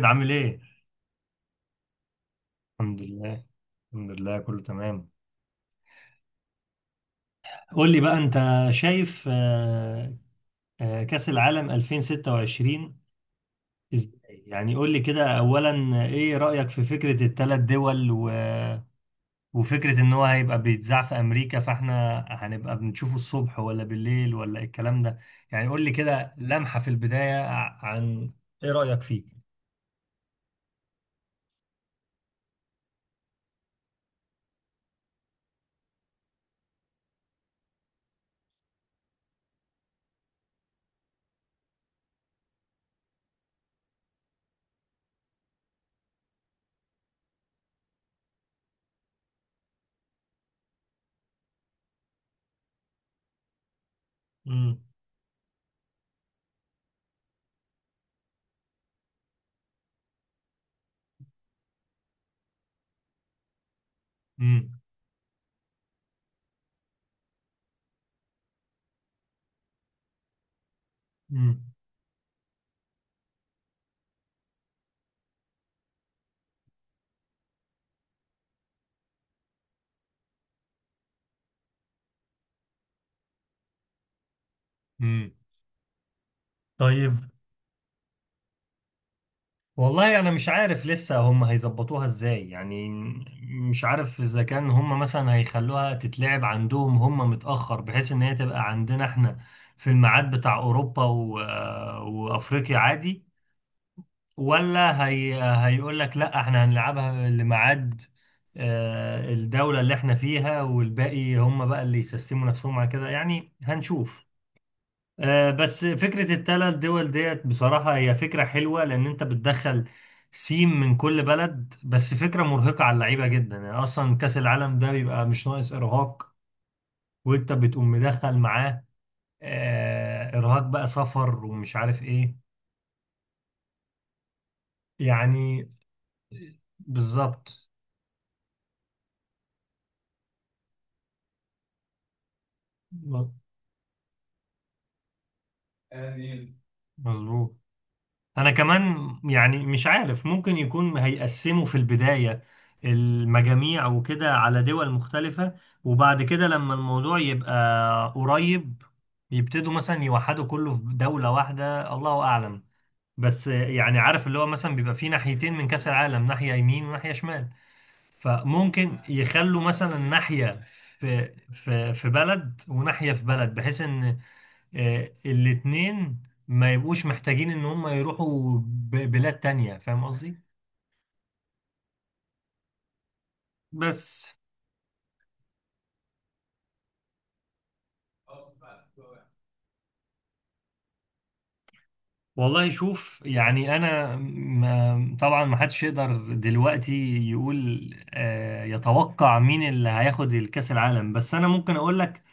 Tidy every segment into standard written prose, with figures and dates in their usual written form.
زياد، عامل ايه؟ الحمد لله. الحمد لله، كله تمام. قول لي بقى انت، شايف كأس العالم 2026 ازاي؟ يعني قول لي كده اولا، ايه رأيك في فكرة الثلاث دول وفكرة ان هو هيبقى بيتذاع في امريكا، فاحنا هنبقى بنشوفه الصبح ولا بالليل ولا إيه الكلام ده؟ يعني قول لي كده لمحة في البداية عن ايه رأيك فيه؟ امم. امم. امم. طيب، والله انا مش عارف لسه هم هيظبطوها ازاي يعني. مش عارف اذا كان هم مثلا هيخلوها تتلعب عندهم هم متأخر بحيث ان هي تبقى عندنا احنا في الميعاد بتاع اوروبا وافريقيا عادي، ولا هيقول لك لا احنا هنلعبها لميعاد الدولة اللي احنا فيها، والباقي هم بقى اللي يسسموا نفسهم على كده، يعني هنشوف. بس فكرة التلات دول ديت بصراحة هي فكرة حلوة، لأن أنت بتدخل سيم من كل بلد، بس فكرة مرهقة على اللعيبة جدا، يعني أصلا كأس العالم ده بيبقى مش ناقص إرهاق، وأنت بتقوم مدخل معاه إرهاق بقى، سفر ومش عارف إيه. يعني بالظبط. آمين. مظبوط. انا كمان، يعني مش عارف، ممكن يكون هيقسموا في البداية المجاميع وكده على دول مختلفة، وبعد كده لما الموضوع يبقى قريب، يبتدوا مثلا يوحدوا كله في دولة واحدة، الله اعلم. بس يعني عارف اللي هو مثلا بيبقى في ناحيتين من كأس العالم، ناحية يمين وناحية شمال، فممكن يخلوا مثلا ناحية في بلد وناحية في بلد، بحيث ان الاتنين ما يبقوش محتاجين ان هم يروحوا بلاد تانية، فاهم قصدي؟ بس. والله شوف، يعني انا ما طبعا ما حدش يقدر دلوقتي يقول يتوقع مين اللي هياخد الكاس العالم، بس انا ممكن اقول لك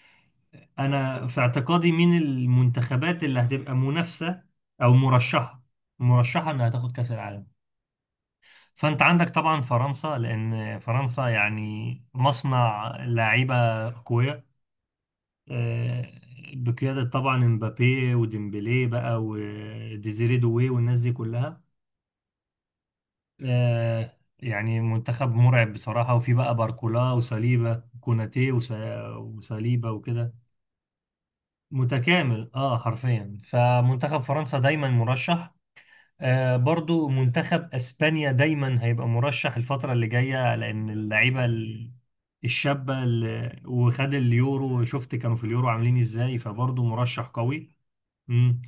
انا في اعتقادي مين المنتخبات اللي هتبقى منافسة او مرشحة انها تاخد كاس العالم. فانت عندك طبعا فرنسا، لان فرنسا يعني مصنع لعيبه اقوياء. آه، بقياده طبعا امبابي وديمبلي بقى وديزيري دوي والناس دي كلها. يعني منتخب مرعب بصراحه، وفي بقى باركولا وساليبا كوناتي وساليبا وكده. متكامل، اه حرفيا، فمنتخب فرنسا دايما مرشح. برضو منتخب اسبانيا دايما هيبقى مرشح الفترة اللي جاية، لان اللعيبة الشابة اللي وخد اليورو، شفت كانوا في اليورو عاملين ازاي، فبرضو مرشح قوي. مم.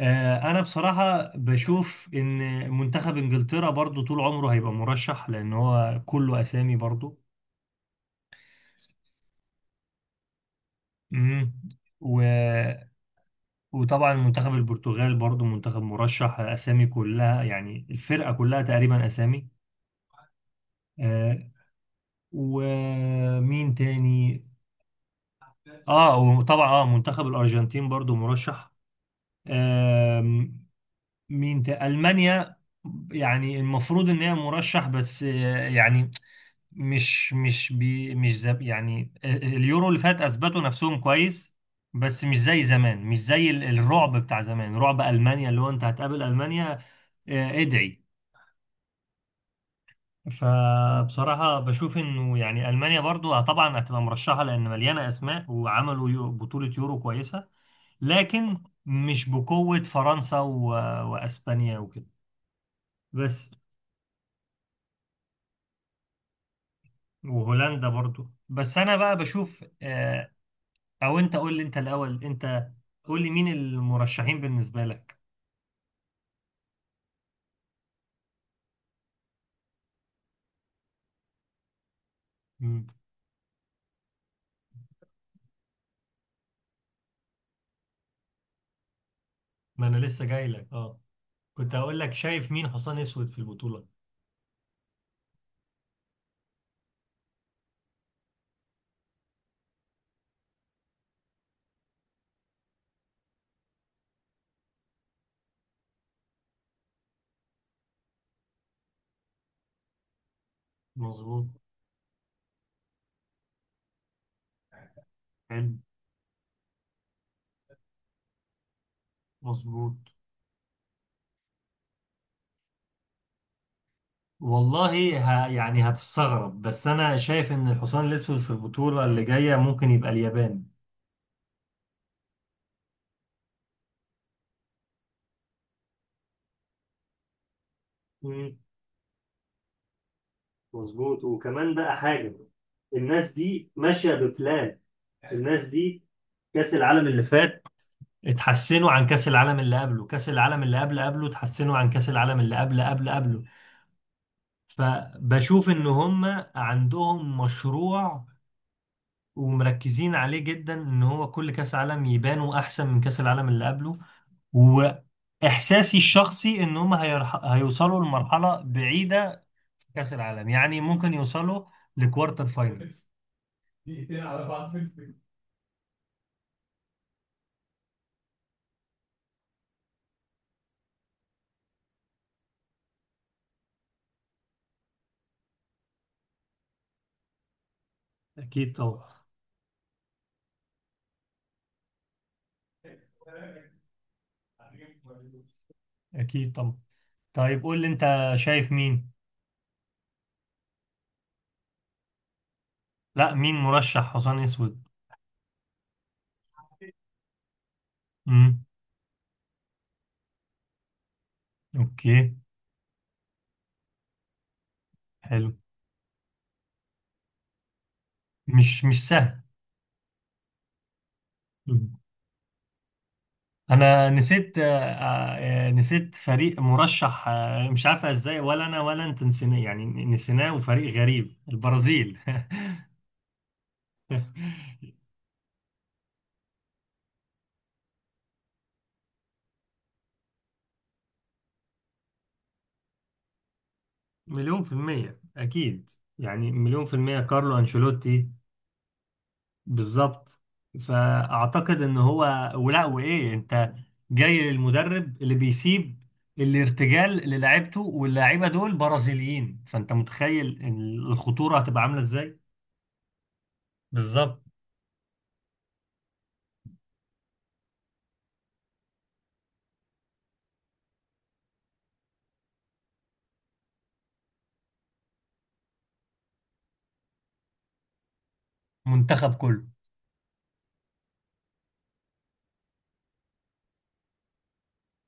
انا بصراحة بشوف ان منتخب انجلترا برضو طول عمره هيبقى مرشح، لان هو كله اسامي برضو. مم. و... وطبعا منتخب البرتغال برضو منتخب مرشح، اسامي كلها يعني، الفرقة كلها تقريبا اسامي. آه، ومين تاني؟ اه، وطبعا منتخب الارجنتين برضو مرشح. آم، مين تاني؟ المانيا، يعني المفروض ان هي مرشح، بس يعني مش بي مش زب يعني اليورو اللي فات اثبتوا نفسهم كويس، بس مش زي زمان، مش زي الرعب بتاع زمان، رعب المانيا اللي هو انت هتقابل المانيا. ادعي، فبصراحة بشوف انه يعني المانيا برضو طبعا هتبقى مرشحة لان مليانة اسماء، وعملوا بطولة يورو كويسة، لكن مش بقوة فرنسا واسبانيا وكده. بس. وهولندا برضو، بس انا بقى بشوف او انت قول لي انت الاول، انت قول لي مين المرشحين بالنسبة لك. مم. ما انا لسه جاي لك، اه. كنت هقول لك شايف مين حصان اسود في البطولة. مظبوط. حلو. مظبوط. والله يعني هتستغرب، بس انا شايف ان الحصان الاسود في البطولة اللي جاية ممكن يبقى اليابان. مم. مظبوط. وكمان بقى حاجة، الناس دي ماشية ببلان. الناس دي، كأس العالم اللي فات، اتحسنوا عن كأس العالم اللي قبله، كأس العالم اللي قبل قبله اتحسنوا عن كأس العالم اللي قبل قبل قبله. فبشوف ان هم عندهم مشروع ومركزين عليه جدا، ان هو كل كأس عالم يبانوا احسن من كأس العالم اللي قبله. واحساسي الشخصي ان هم هيوصلوا لمرحله بعيده في كاس العالم، يعني ممكن يوصلوا لكوارتر فاينلز. دقيقتين على بعض في الفيلم. اكيد طبعا. اكيد طبعا. طيب قول لي انت شايف مين. لا، مين مرشح حصان اسود؟ امم. اوكي. حلو. مش سهل. انا نسيت فريق مرشح، مش عارفه ازاي، ولا انا ولا انت نسيناه، يعني نسيناه، وفريق غريب، البرازيل. مليون في المية اكيد. يعني مليون في المية كارلو انشيلوتي. بالظبط، فاعتقد ان هو ولا وايه انت؟ جاي للمدرب اللي بيسيب الارتجال للاعيبته، واللاعيبه دول برازيليين، فانت متخيل إن الخطوره هتبقى عامله ازاي. بالظبط. منتخب كله.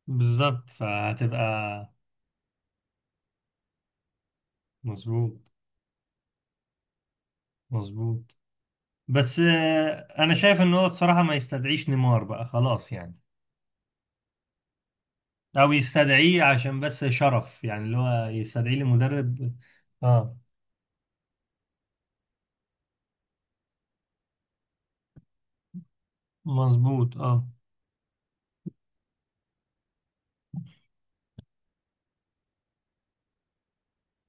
بالظبط فهتبقى. مظبوط. مظبوط. بس انا شايف ان هو بصراحة ما يستدعيش نيمار بقى خلاص يعني، او يستدعيه عشان بس شرف، يعني اللي هو يستدعيه لمدرب. اه، مظبوط. اه.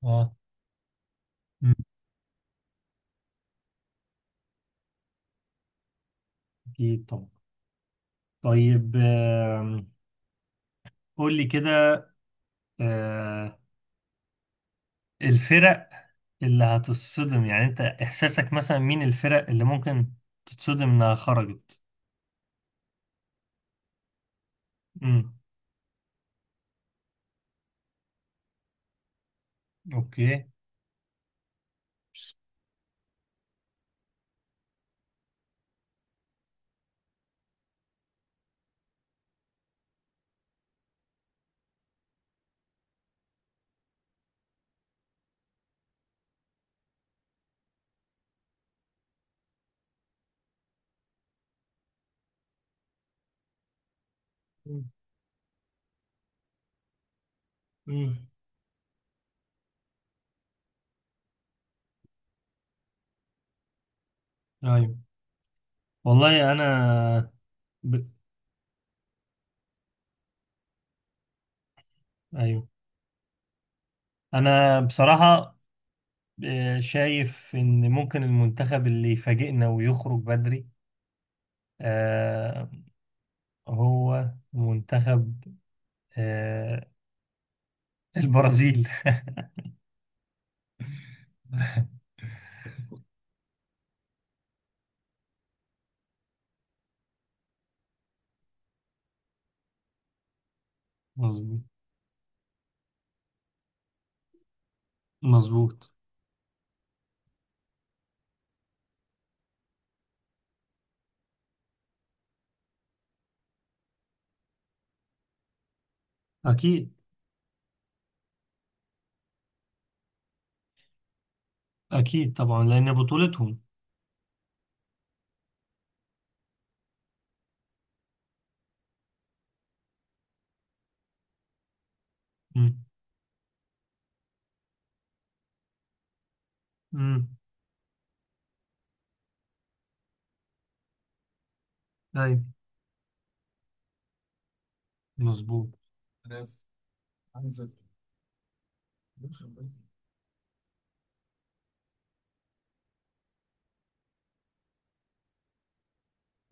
اه. مم. اكيد طبعا. طيب قول لي كده آه، الفرق اللي هتصدم، يعني انت احساسك مثلا مين الفرق اللي ممكن تتصدم انها خرجت. امم. اوكي. مم. ايوه. والله انا ب... ايوه انا بصراحه شايف ان ممكن المنتخب اللي يفاجئنا ويخرج بدري آه، هو منتخب آه، البرازيل. مظبوط. مظبوط. اكيد. اكيد طبعا، لان بطولتهم. امم. امم. ايوه. مظبوط.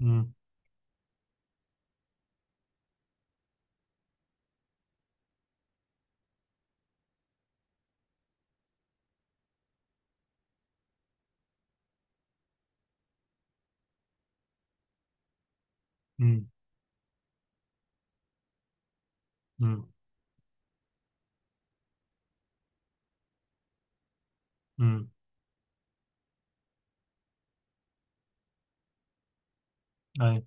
امم. امم. امم. امم. ايوه.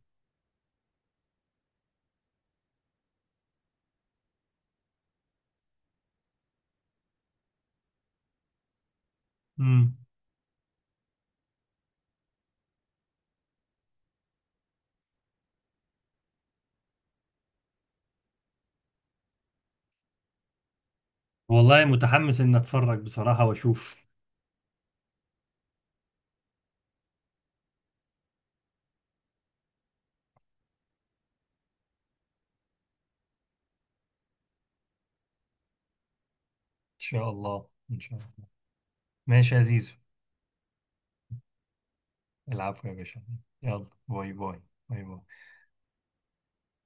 امم. والله متحمس ان اتفرج بصراحه واشوف. ان شاء الله، ان شاء الله. ماشي يا زيزو. العفو يا باشا. يلا، باي باي. باي باي.